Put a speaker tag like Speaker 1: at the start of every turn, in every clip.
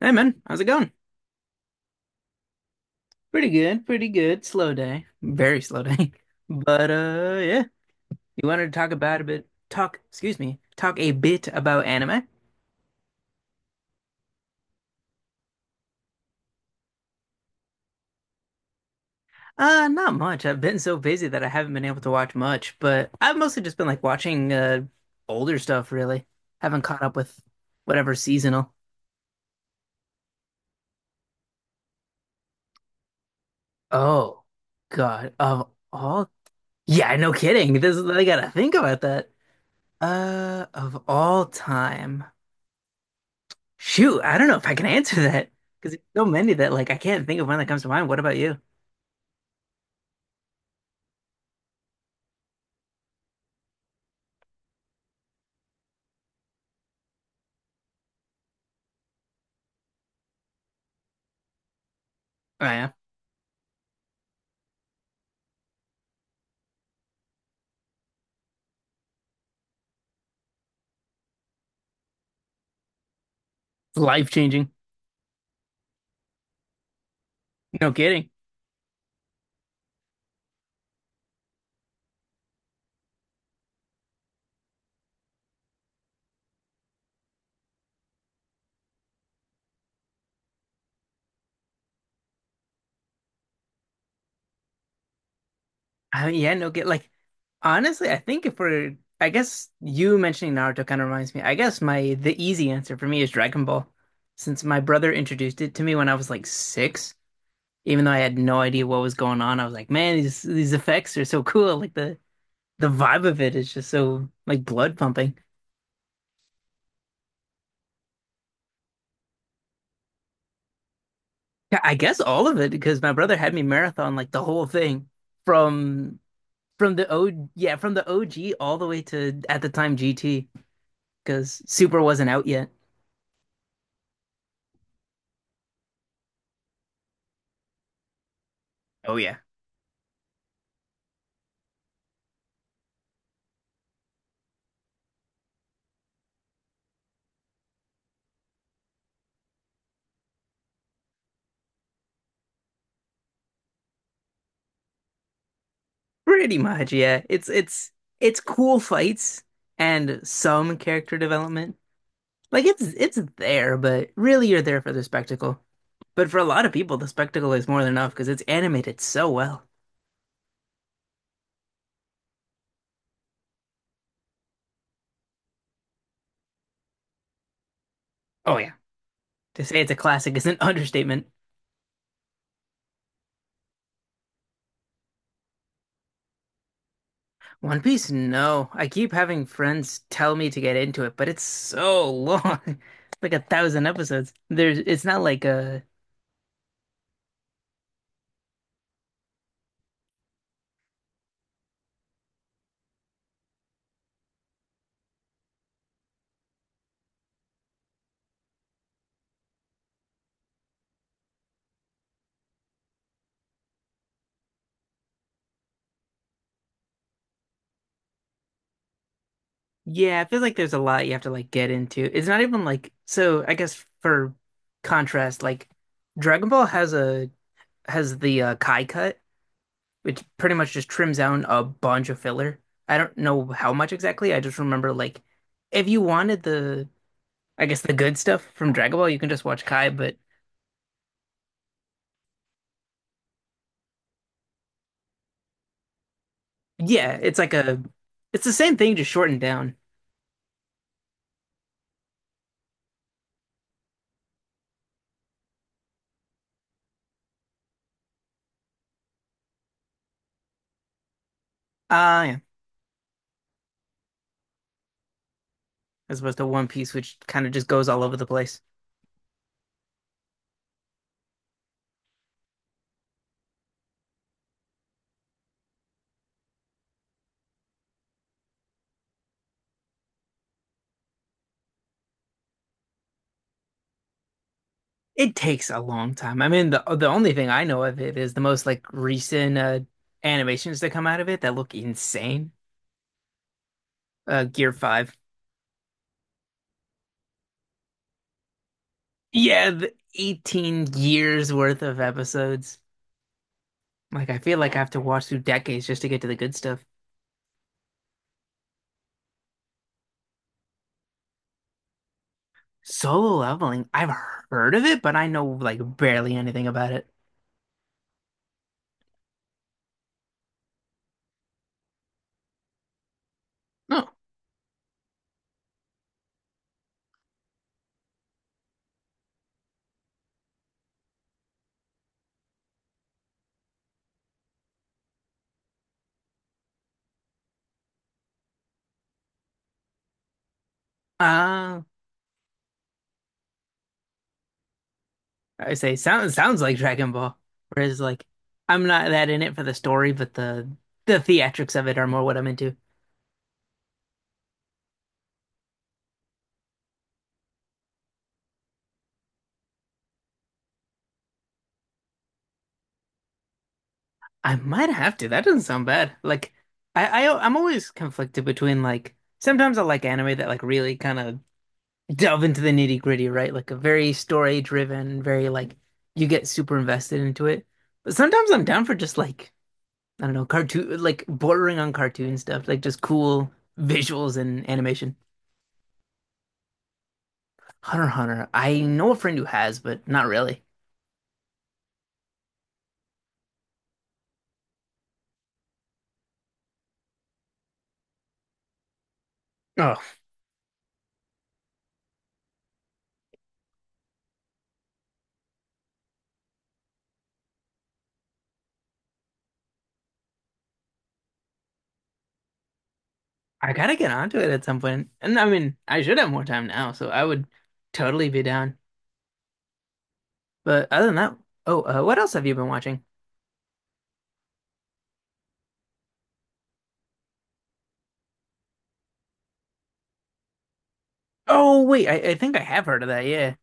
Speaker 1: Hey man, how's it going? Pretty good, pretty good. Slow day. Very slow day. But uh yeah, you wanted to talk about a bit talk, excuse me, talk a bit about anime? Not much. I've been so busy that I haven't been able to watch much, but I've mostly just been like watching older stuff really. Haven't caught up with whatever seasonal. Oh God, of all. Yeah, no kidding. This is I gotta think about that. Of all time. Shoot, I don't know if I can answer that because there's so many that like I can't think of one that comes to mind. What about you? I am life changing. No kidding. I mean, yeah, no get like Honestly, I think if we're I guess you mentioning Naruto kind of reminds me. I guess my the easy answer for me is Dragon Ball, since my brother introduced it to me when I was like six. Even though I had no idea what was going on, I was like, man, these effects are so cool. Like the vibe of it is just so like blood pumping. Yeah, I guess all of it because my brother had me marathon like the whole thing from the O yeah from the OG all the way to at the time GT, because Super wasn't out yet. Oh yeah, pretty much yeah. It's cool fights and some character development. Like it's there, but really you're there for the spectacle. But for a lot of people, the spectacle is more than enough because it's animated so well. Oh yeah, to say it's a classic is an understatement. One Piece, no. I keep having friends tell me to get into it, but it's so long. It's like a thousand episodes. There's, it's not like a, yeah, I feel like there's a lot you have to like get into. It's not even like, so I guess for contrast, like Dragon Ball has the Kai cut, which pretty much just trims down a bunch of filler. I don't know how much exactly. I just remember like, if you wanted the, I guess the good stuff from Dragon Ball, you can just watch Kai, but yeah, it's the same thing, just shortened down. Ah, yeah, as opposed to One Piece, which kind of just goes all over the place. It takes a long time. I mean, the only thing I know of it is the most like recent animations that come out of it that look insane. Gear Five. Yeah, the 18 years worth of episodes. Like, I feel like I have to watch through decades just to get to the good stuff. Solo Leveling, I've heard of it, but I know like barely anything about it. Oh. I would say sounds like Dragon Ball. Whereas like I'm not that in it for the story, but the theatrics of it are more what I'm into. I might have to. That doesn't sound bad. Like I I'm always conflicted between like sometimes I like anime that like really kind of delve into the nitty gritty, right? Like a very story driven, very like you get super invested into it. But sometimes I'm down for just like I don't know, cartoon like bordering on cartoon stuff, like just cool visuals and animation. Hunter x Hunter. I know a friend who has, but not really. Oh, I gotta get onto it at some point. And I mean, I should have more time now, so I would totally be down. But other than that, oh, what else have you been watching? Oh, wait, I think I have heard of that, yeah.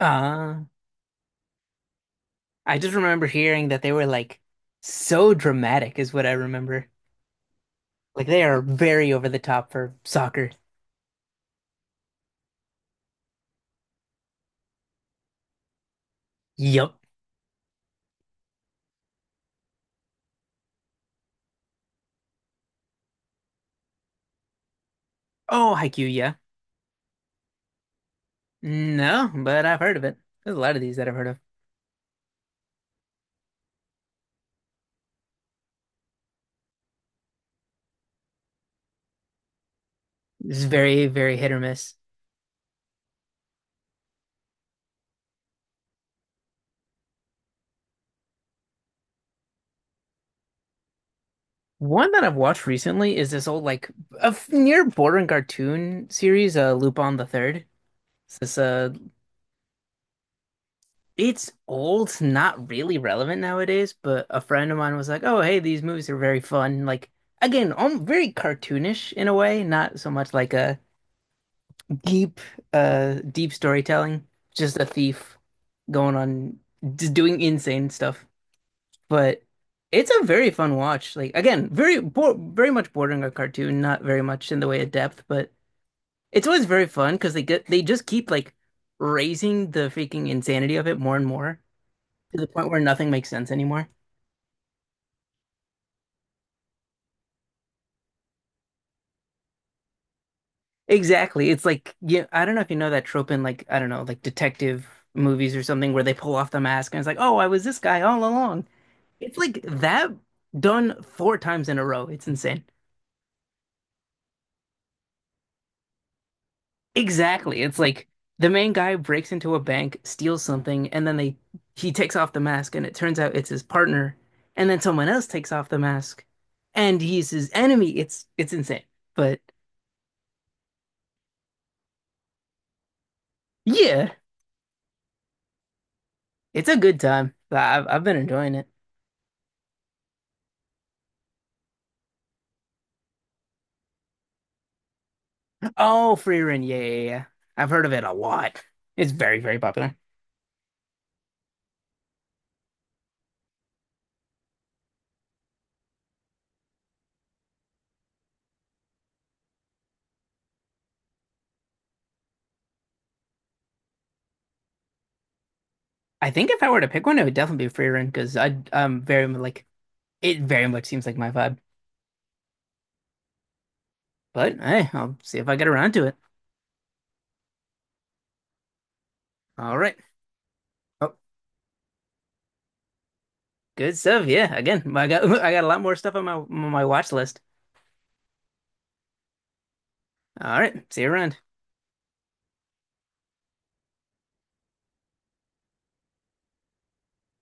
Speaker 1: Uh, I just remember hearing that they were like so dramatic, is what I remember. Like they are very over the top for soccer. Yup. Oh, Haikyuu, yeah. No, but I've heard of it. There's a lot of these that I've heard of. It's very, very hit or miss. One that I've watched recently is this old like near bordering cartoon series, Lupin the Third. It's this it's old, it's not really relevant nowadays. But a friend of mine was like, "Oh, hey, these movies are very fun." Like again, very cartoonish in a way, not so much like a deep, deep storytelling. Just a thief going on, just doing insane stuff. But it's a very fun watch. Like again, very much bordering a cartoon, not very much in the way of depth, but it's always very fun because they just keep like raising the freaking insanity of it more and more, to the point where nothing makes sense anymore. Exactly. It's like yeah, I don't know if you know that trope in like I don't know, like detective movies or something where they pull off the mask and it's like, "Oh, I was this guy all along." It's like that done four times in a row. It's insane. Exactly. It's like the main guy breaks into a bank, steals something, and then they he takes off the mask and it turns out it's his partner, and then someone else takes off the mask and he's his enemy. It's insane. But yeah, it's a good time. I've been enjoying it. Oh, Free Run. Yeah, yeah, yeah. I've heard of it a lot. It's very, very popular. I think if I were to pick one, it would definitely be Free run because I'm very like it very much seems like my vibe. But hey, I'll see if I get around to it. All right. Oh, good stuff. Yeah. Again, I got I got a lot more stuff on my watch list. All right. See you around.